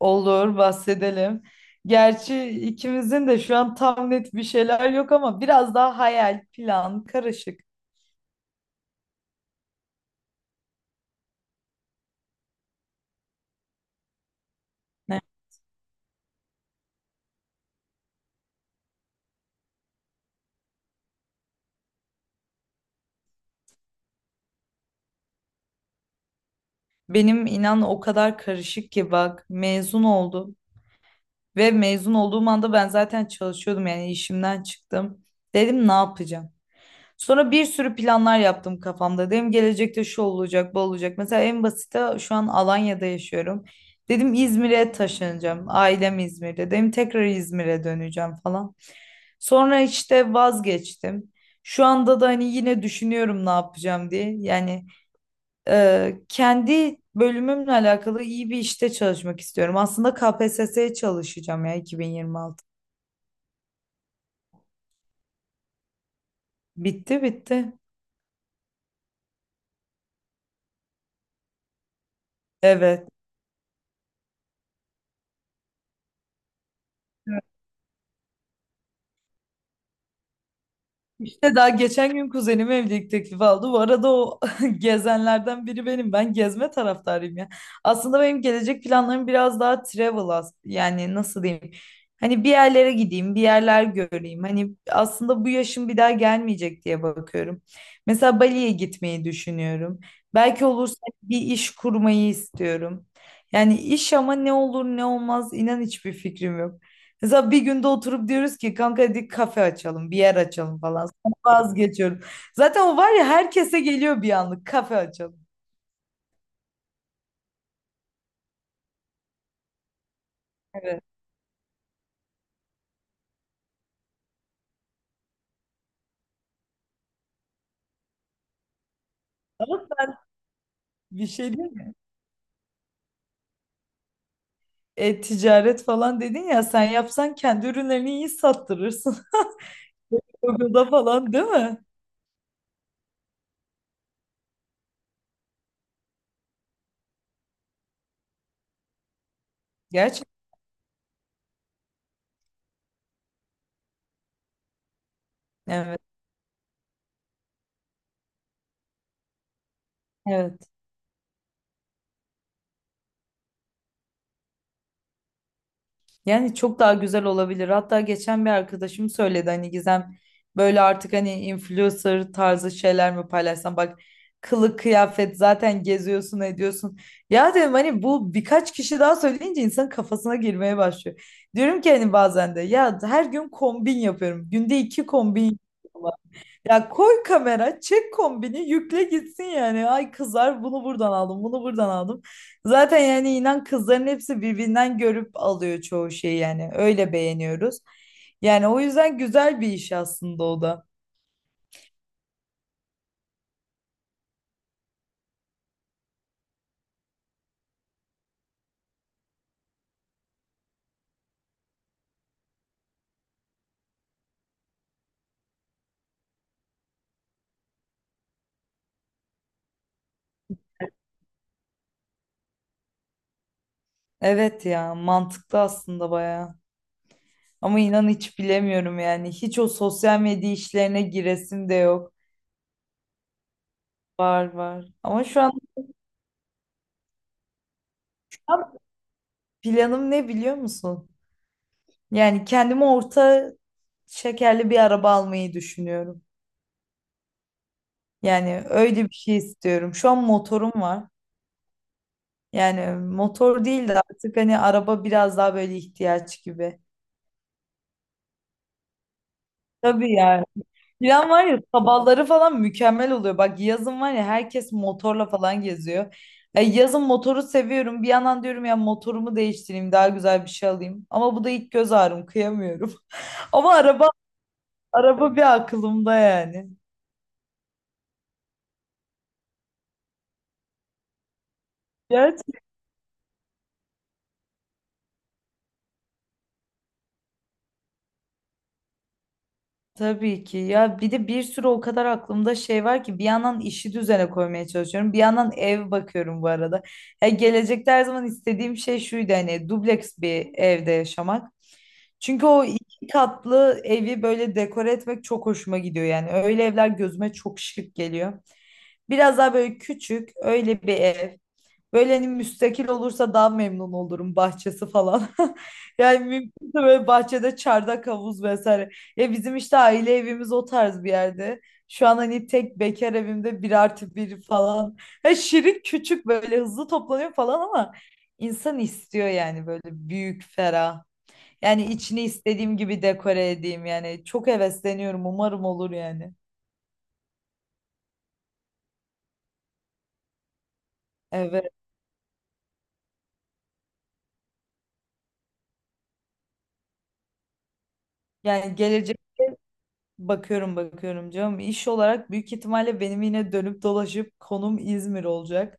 Olur, bahsedelim. Gerçi ikimizin de şu an tam net bir şeyler yok ama biraz daha hayal, plan, karışık. Ne? Benim inan o kadar karışık ki bak mezun oldum ve mezun olduğum anda ben zaten çalışıyordum yani işimden çıktım. Dedim ne yapacağım? Sonra bir sürü planlar yaptım kafamda. Dedim gelecekte şu olacak, bu olacak. Mesela en basite şu an Alanya'da yaşıyorum. Dedim İzmir'e taşınacağım. Ailem İzmir'de. Dedim tekrar İzmir'e döneceğim falan. Sonra işte vazgeçtim. Şu anda da hani yine düşünüyorum ne yapacağım diye. Yani kendi bölümümle alakalı iyi bir işte çalışmak istiyorum. Aslında KPSS'ye çalışacağım ya 2026. Bitti bitti. Evet. İşte daha geçen gün kuzenim evlilik teklifi aldı. Bu arada o gezenlerden biri benim. Ben gezme taraftarıyım ya. Aslında benim gelecek planlarım biraz daha yani nasıl diyeyim? Hani bir yerlere gideyim, bir yerler göreyim. Hani aslında bu yaşım bir daha gelmeyecek diye bakıyorum. Mesela Bali'ye gitmeyi düşünüyorum. Belki olursa bir iş kurmayı istiyorum. Yani iş ama ne olur ne olmaz inan hiçbir fikrim yok. Mesela bir günde oturup diyoruz ki kanka hadi kafe açalım, bir yer açalım falan. Vazgeçiyorum. Zaten o var ya herkese geliyor bir anlık kafe açalım. Evet. Ama sen bir şey değil mi? E-ticaret falan dedin ya sen yapsan kendi ürünlerini iyi sattırırsın. Google'da falan değil mi? Gerçekten evet. Evet. Yani çok daha güzel olabilir. Hatta geçen bir arkadaşım söyledi hani Gizem böyle artık hani influencer tarzı şeyler mi paylaşsam bak kılık kıyafet zaten geziyorsun ediyorsun. Ya dedim hani bu birkaç kişi daha söyleyince insanın kafasına girmeye başlıyor. Diyorum ki hani bazen de ya her gün kombin yapıyorum. Günde iki kombin yapıyorum. Ya koy kamera, çek kombini, yükle gitsin yani. Ay kızlar bunu buradan aldım, bunu buradan aldım. Zaten yani inan kızların hepsi birbirinden görüp alıyor çoğu şeyi yani. Öyle beğeniyoruz. Yani o yüzden güzel bir iş aslında o da. Evet ya mantıklı aslında bayağı. Ama inan hiç bilemiyorum yani. Hiç o sosyal medya işlerine giresim de yok. Var var. Ama şu an planım ne biliyor musun? Yani kendime orta şekerli bir araba almayı düşünüyorum. Yani öyle bir şey istiyorum. Şu an motorum var. Yani motor değil de artık hani araba biraz daha böyle ihtiyaç gibi. Tabii yani. Plan var ya sabahları falan mükemmel oluyor. Bak yazın var ya herkes motorla falan geziyor. E, yazın motoru seviyorum. Bir yandan diyorum ya motorumu değiştireyim daha güzel bir şey alayım. Ama bu da ilk göz ağrım kıyamıyorum. Ama araba bir aklımda yani. Tabii ki ya bir de bir sürü o kadar aklımda şey var ki bir yandan işi düzene koymaya çalışıyorum bir yandan ev bakıyorum bu arada. Ya gelecekte her zaman istediğim şey şuydu hani dubleks bir evde yaşamak. Çünkü o iki katlı evi böyle dekore etmek çok hoşuma gidiyor yani öyle evler gözüme çok şık geliyor. Biraz daha böyle küçük öyle bir ev. Böyle hani müstakil olursa daha memnun olurum bahçesi falan. Yani mümkünse böyle bahçede çardak havuz vesaire. Ya bizim işte aile evimiz o tarz bir yerde. Şu an hani tek bekar evimde bir artı bir falan. Ha, şirin küçük böyle hızlı toplanıyor falan ama insan istiyor yani böyle büyük ferah. Yani içini istediğim gibi dekore edeyim yani. Çok hevesleniyorum umarım olur yani. Evet. Yani bakıyorum bakıyorum canım. İş olarak büyük ihtimalle benim yine dönüp dolaşıp konum İzmir olacak.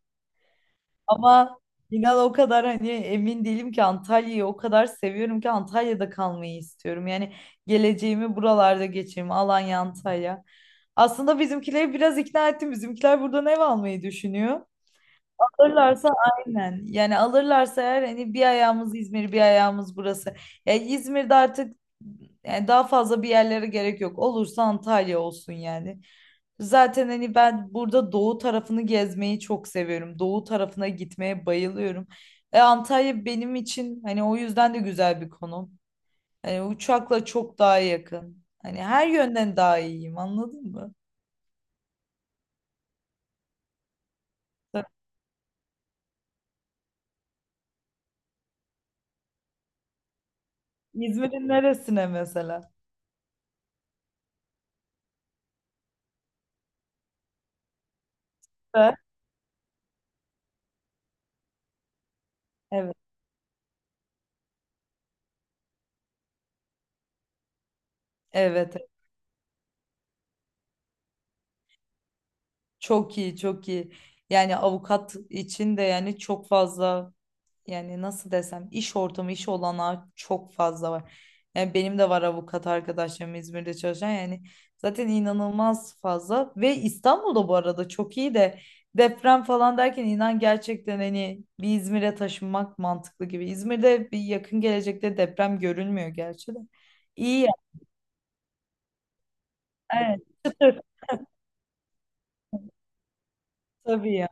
Ama inan o kadar hani emin değilim ki Antalya'yı o kadar seviyorum ki Antalya'da kalmayı istiyorum. Yani geleceğimi buralarda geçireyim. Alanya, Antalya. Aslında bizimkileri biraz ikna ettim. Bizimkiler buradan ev almayı düşünüyor. Alırlarsa aynen. Yani alırlarsa eğer hani bir ayağımız İzmir, bir ayağımız burası. Ya İzmir'de artık yani daha fazla bir yerlere gerek yok. Olursa Antalya olsun yani. Zaten hani ben burada doğu tarafını gezmeyi çok seviyorum. Doğu tarafına gitmeye bayılıyorum. E Antalya benim için hani o yüzden de güzel bir konum. Hani uçakla çok daha yakın. Hani her yönden daha iyiyim anladın mı? Tabii. İzmir'in neresine mesela? Evet. Evet. Evet. Çok iyi, çok iyi. Yani avukat için de yani çok fazla yani nasıl desem iş ortamı, iş olanağı çok fazla var. Yani benim de var avukat arkadaşlarım İzmir'de çalışan yani zaten inanılmaz fazla ve İstanbul'da bu arada çok iyi de deprem falan derken inan gerçekten hani bir İzmir'e taşınmak mantıklı gibi. İzmir'de bir yakın gelecekte deprem görünmüyor gerçi de. İyi ya. Evet. Çıtır tabii ya.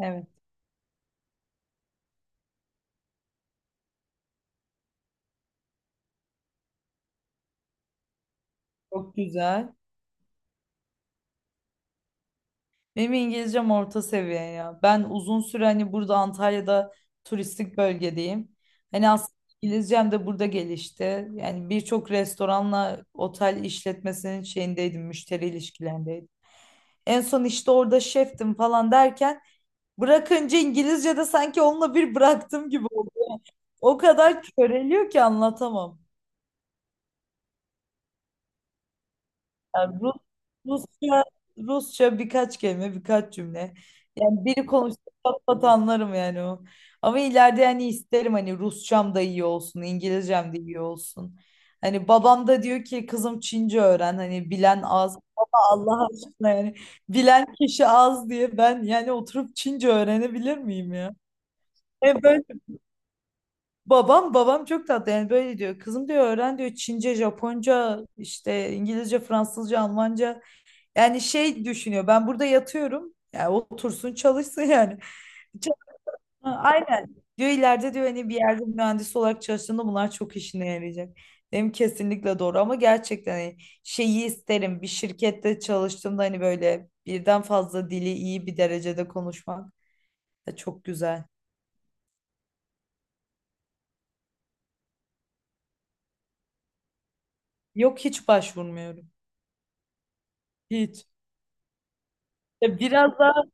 Evet. Çok güzel. Benim İngilizcem orta seviye ya. Ben uzun süre hani burada Antalya'da turistik bölgedeyim. Hani aslında İngilizcem de burada gelişti. Yani birçok restoranla otel işletmesinin şeyindeydim, müşteri ilişkilerindeydim. En son işte orada şeftim falan derken bırakınca İngilizce de sanki onunla bir bıraktım gibi oldu. O kadar köreliyor ki anlatamam. Yani Rusça, Rusça birkaç kelime, birkaç cümle. Yani biri konuşsa pat pat anlarım yani o. Ama ileride yani isterim hani Rusçam da iyi olsun, İngilizcem de iyi olsun. Hani babam da diyor ki kızım Çince öğren hani bilen az. Allah aşkına yani bilen kişi az diye ben yani oturup Çince öğrenebilir miyim ya? E böyle babam çok tatlı yani böyle diyor. Kızım diyor öğren diyor Çince, Japonca, işte İngilizce, Fransızca, Almanca. Yani şey düşünüyor ben burada yatıyorum. Yani otursun çalışsın yani. Ç- Ha, aynen. Diyor ileride diyor hani bir yerde mühendis olarak çalıştığında bunlar çok işine yarayacak. Dedim kesinlikle doğru ama gerçekten hani şeyi isterim. Bir şirkette çalıştığımda hani böyle birden fazla dili iyi bir derecede konuşmak da çok güzel. Yok hiç başvurmuyorum. Hiç. Ya biraz daha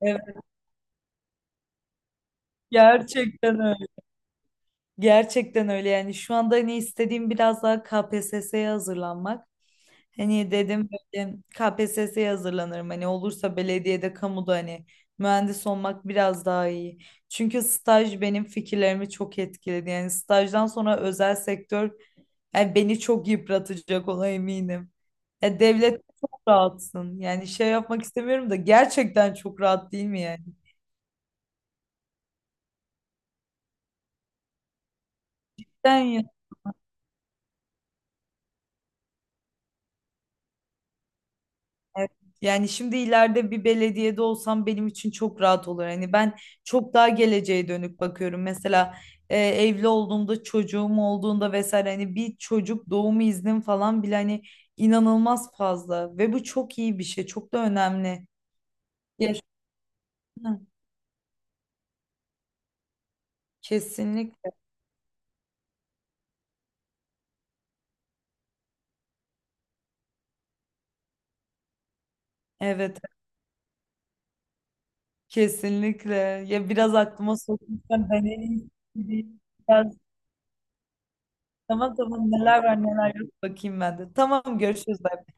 evet, gerçekten öyle. Gerçekten öyle yani şu anda hani istediğim biraz daha KPSS'ye hazırlanmak. Hani dedim böyle KPSS'ye hazırlanırım. Hani olursa belediyede, kamuda hani mühendis olmak biraz daha iyi. Çünkü staj benim fikirlerimi çok etkiledi. Yani stajdan sonra özel sektör yani beni çok yıpratacak ona eminim. Ya devlet çok rahatsın. Yani şey yapmak istemiyorum da gerçekten çok rahat değil mi yani? Sen ya. Evet, yani şimdi ileride bir belediyede olsam benim için çok rahat olur. Hani ben çok daha geleceğe dönük bakıyorum. Mesela evli olduğumda, çocuğum olduğunda vesaire hani bir çocuk doğumu iznim falan bile hani inanılmaz fazla ve bu çok iyi bir şey, çok da önemli. Ya, hı, kesinlikle. Evet, kesinlikle. Ya biraz aklıma sokmuşsan ben en iyisi. Biraz, tamam tamam neler var neler yok bakayım ben de. Tamam görüşürüz. Bay bay.